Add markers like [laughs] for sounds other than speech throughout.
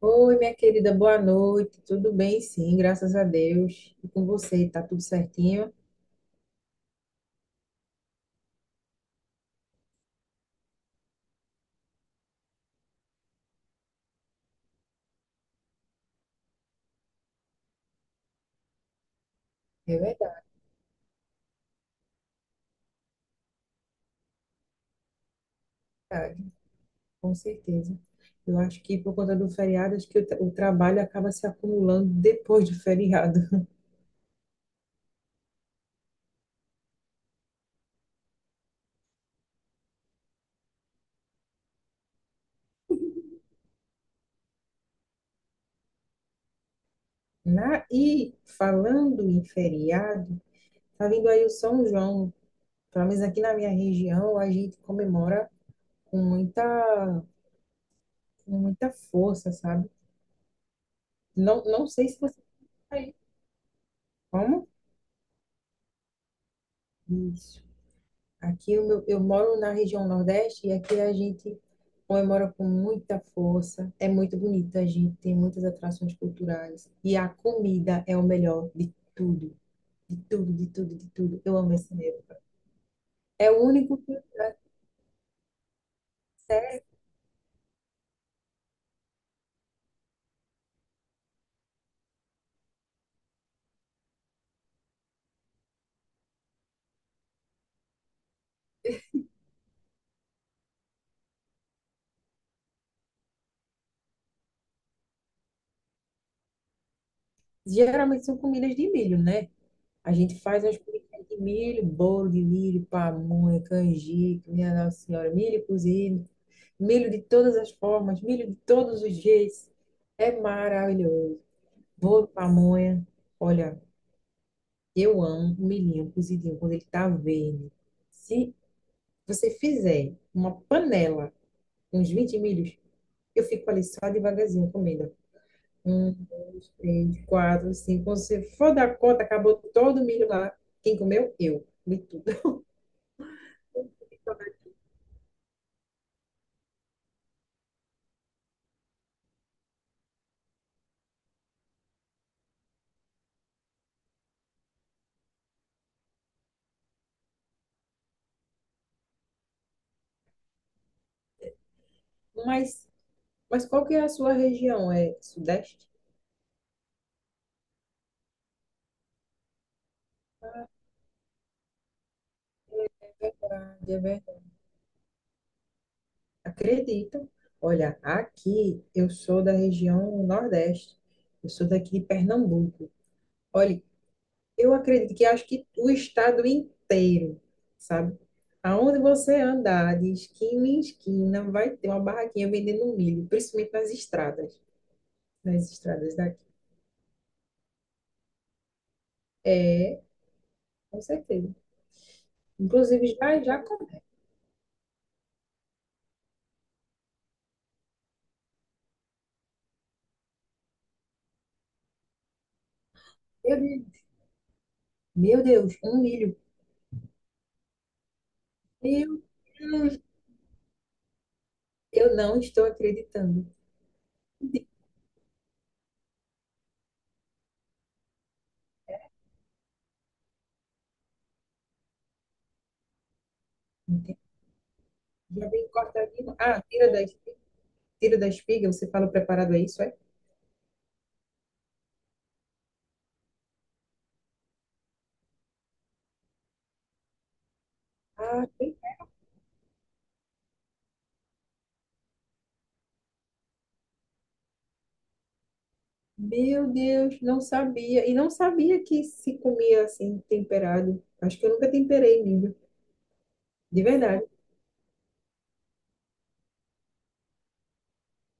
Oi, minha querida, boa noite. Tudo bem? Sim, graças a Deus. E com você, tá tudo certinho? É verdade, com certeza. Eu acho que por conta do feriado, acho que o trabalho acaba se acumulando depois do feriado. [laughs] E falando em feriado, tá vindo aí o São João. Pelo menos aqui na minha região, a gente comemora com muita, com muita força, sabe? Não, não sei se você tá aí. Como? Isso. Aqui eu moro na região Nordeste e aqui a gente comemora com muita força. É muito bonito, a gente tem muitas atrações culturais. E a comida é o melhor de tudo, de tudo, de tudo, de tudo. Eu amo esse medo. É o único que serve. Geralmente são comidas de milho, né? A gente faz as comidas de milho, bolo de milho, pamonha, canjica, minha Nossa Senhora, milho cozido, milho de todas as formas, milho de todos os jeitos. É maravilhoso. Bolo de pamonha. Olha, eu amo o milhinho cozidinho quando ele tá verde. Se você fizer uma panela com uns 20 milhos, eu fico ali só devagarzinho comendo. Um, dois, três, quatro, cinco. Quando você for dar conta, acabou todo o milho lá. Quem comeu? Eu. Comi tudo. [laughs] Mas, mas qual que é a sua região? É Sudeste? É verdade, é verdade. Acredito. Olha, aqui eu sou da região Nordeste. Eu sou daqui de Pernambuco. Olha, eu acredito que acho que o estado inteiro, sabe? Aonde você andar, de esquina em esquina, vai ter uma barraquinha vendendo milho, principalmente nas estradas daqui. É, com certeza. Inclusive, já, já comprei. Meu Deus, meu Deus, um milho. Meu Deus, eu não estou acreditando. Entende? Já vem cortadinho. Ah, tira da espiga, você fala o preparado, é isso? É? Ah, meu Deus, não sabia. E não sabia que se comia assim, temperado. Acho que eu nunca temperei milho, de verdade.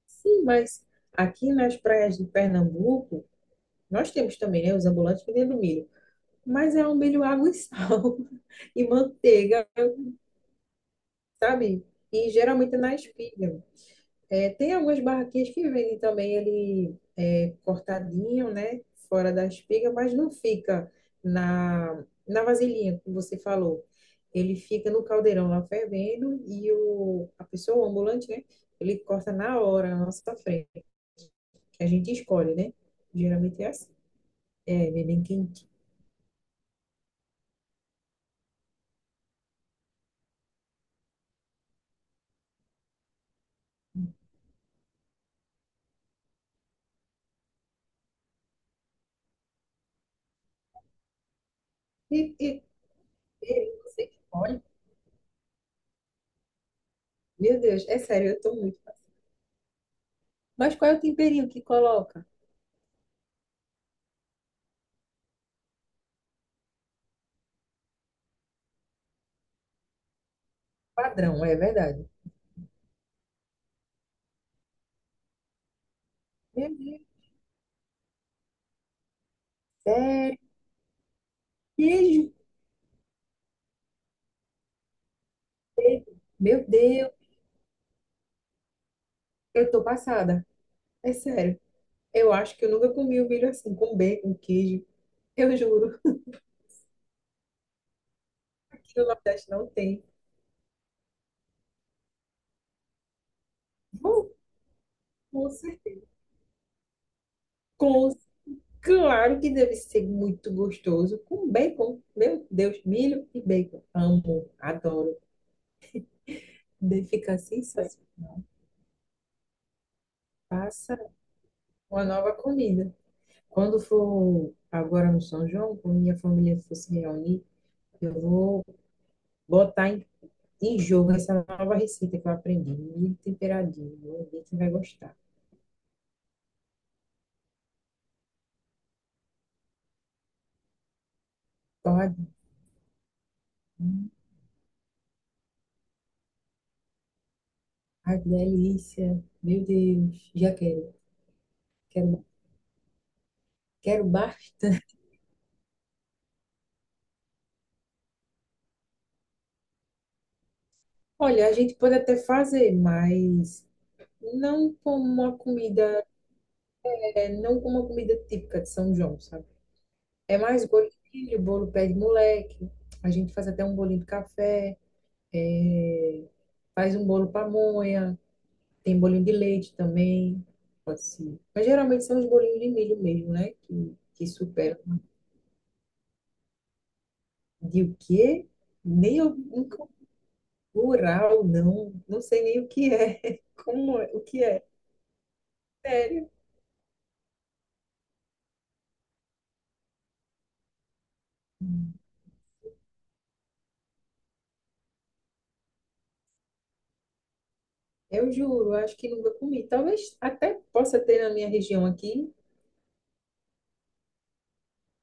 Sim, mas aqui nas praias de Pernambuco, nós temos também, né, os ambulantes vendendo milho. Mas é um milho água e sal [laughs] e manteiga, sabe? E geralmente é na espiga. É, tem algumas barraquinhas que vendem também ele é, cortadinho, né? Fora da espiga, mas não fica na, na vasilhinha, como você falou. Ele fica no caldeirão lá fervendo e o, a pessoa, o ambulante, né? Ele corta na hora, na nossa frente, que a gente escolhe, né? Geralmente é assim. É, ele é bem quente. E, e, e você que escolhe? Meu Deus, é sério, eu tô muito. Fácil. Mas qual é o temperinho que coloca? Padrão, é verdade. Meu Deus, sério. Queijo. Meu Deus, eu tô passada. É sério. Eu acho que eu nunca comi um milho assim, com bacon, queijo. Eu juro, aqui no Nordeste não tem. Bom, com certeza. Com- Claro que deve ser muito gostoso. Com bacon. Meu Deus, milho e bacon. Amo, adoro. Deve ficar sensacional. Passa uma nova comida. Quando for agora no São João, quando minha família for se reunir, eu vou botar em de jogo essa nova receita que eu aprendi. Milho temperadinho. Vou ver quem vai gostar. Torradinho. Ai, que delícia. Meu Deus. Já quero. Quero, quero bastante. Olha, a gente pode até fazer, mas não como uma comida, é, não como uma comida típica de São João, sabe? É mais bolo de milho, bolo pé de moleque. A gente faz até um bolinho de café. É, faz um bolo pamonha. Tem bolinho de leite também, pode ser. Mas geralmente são os bolinhos de milho mesmo, né? Que superam. De o quê? Nem eu, nunca rural, não. Não sei nem o que é. [laughs] Como é? O que é? Sério. Eu juro, acho que nunca comi. Talvez até possa ter na minha região aqui.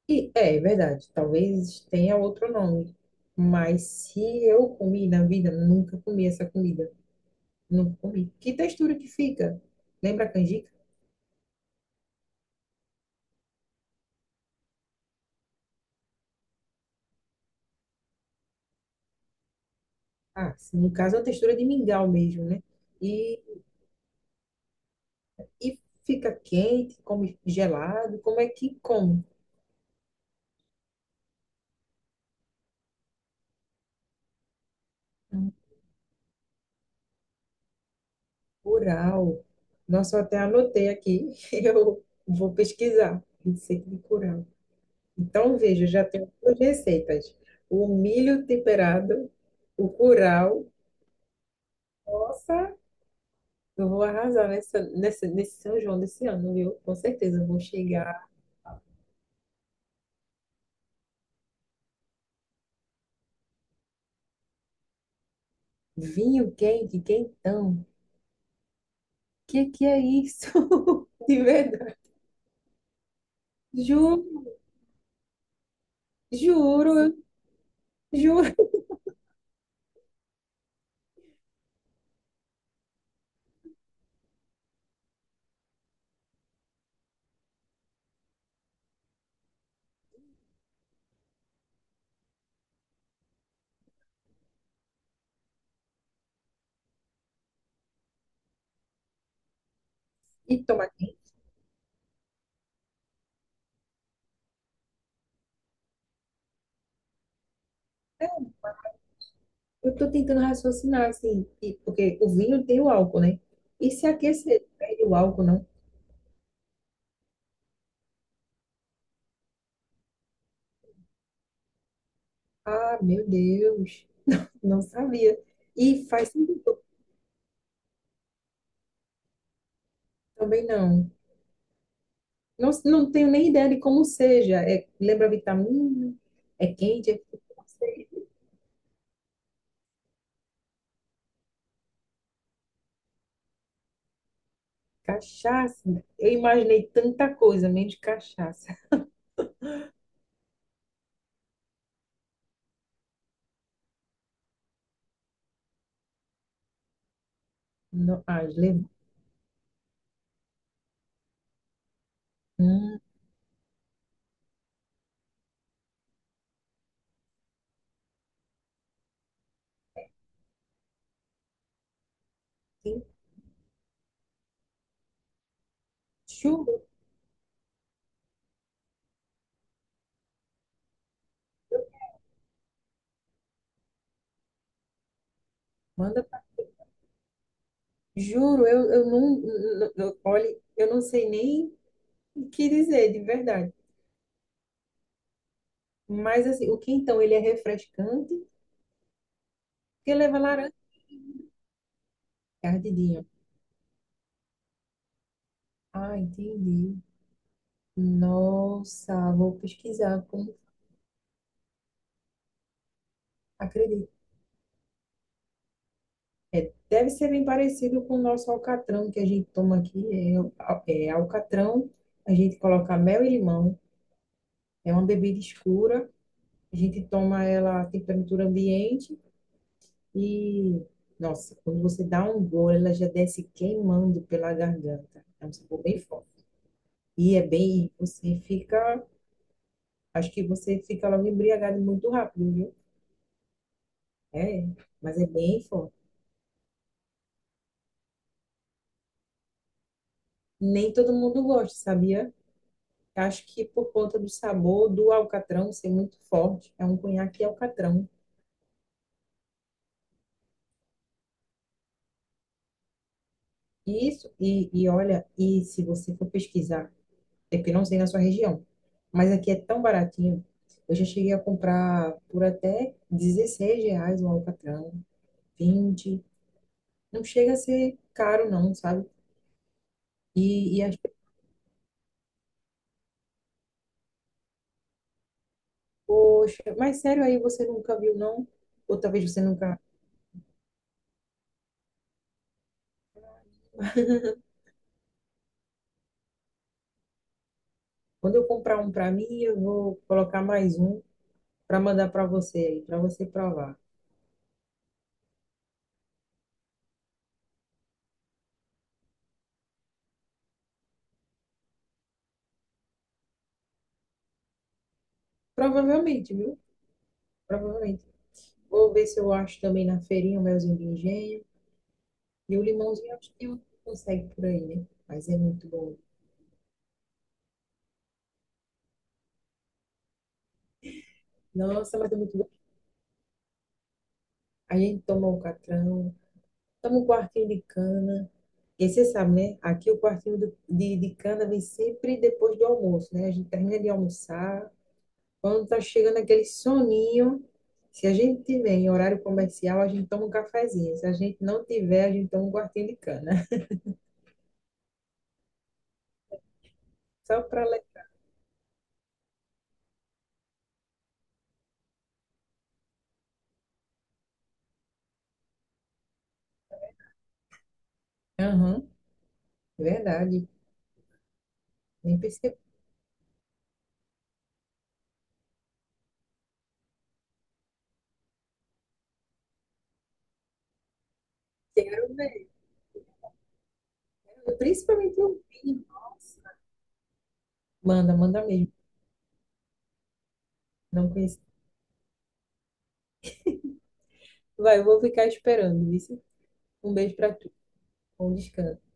E é verdade, talvez tenha outro nome. Mas se eu comi na vida, nunca comi essa comida. Nunca comi. Que textura que fica? Lembra a canjica? Ah, sim, no caso é uma textura de mingau mesmo, né? E, e fica quente, come gelado, como é que come? Hum. Curau. Nossa, eu até anotei aqui, [laughs] eu vou pesquisar, receita de curau. Então, veja, já tenho duas receitas. O milho temperado, o curau. Nossa, eu vou arrasar nessa, nessa, nesse São João desse ano, viu? Com certeza eu vou chegar. Vinho quente, quentão. Que é isso? [laughs] De verdade. Juro, juro, juro. E toma aqui. Eu tô tentando raciocinar, assim, e- porque o vinho tem o álcool, né? E se aquecer, perde o álcool, não? Ah, meu Deus, não sabia. E faz sentido. Também não. Não, não tenho nem ideia de como seja. É, lembra vitamina? É quente? É frio? Não sei. Cachaça. Eu imaginei tanta coisa, menos cachaça. Não, ah, lembra? Hum, tem churro. Juro, eu, eu olhe, eu não sei nem o que dizer, de verdade. Mas assim, o quentão, ele é refrescante, porque leva laranja, cardidinho. Ah, entendi. Nossa, vou pesquisar, como, acredito. Deve ser bem parecido com o nosso alcatrão que a gente toma aqui. É, é alcatrão, a gente coloca mel e limão. É uma bebida escura, a gente toma ela a temperatura ambiente. E, nossa, quando você dá um gole, ela já desce queimando pela garganta. É um sabor bem forte. E é bem, você fica, acho que você fica logo embriagado muito rápido, viu? É, mas é bem forte. Nem todo mundo gosta, sabia? Acho que por conta do sabor do alcatrão ser muito forte, é um conhaque alcatrão. Isso, e olha, e se você for pesquisar. É porque não sei na sua região. Mas aqui é tão baratinho. Eu já cheguei a comprar por até R$ 16 o alcatrão, 20. Não chega a ser caro, não, sabe? E acho, poxa, mas sério aí, você nunca viu, não? Ou talvez você nunca. Quando eu comprar um para mim, eu vou colocar mais um para mandar para você aí, para você provar. Provavelmente, viu? Provavelmente. Vou ver se eu acho também na feirinha o melzinho de engenho. E o limãozinho, acho que eu consegue por aí, né? Mas é muito bom. Nossa, mas é muito bom. A gente toma um catrão, toma um quartinho de cana. E você sabe, né? Aqui o quartinho de cana vem sempre depois do almoço, né? A gente termina de almoçar. Quando tá chegando aquele soninho, se a gente tiver em horário comercial, a gente toma um cafezinho. Se a gente não tiver, a gente toma um quartinho de cana. [laughs] Só para ler. Aham, é verdade. Nem percebi. Quero ver. Principalmente o vinho. Nossa. Manda, manda mesmo. Não conheço. Vai, eu vou ficar esperando, viu? Um beijo pra tu. Bom descanso.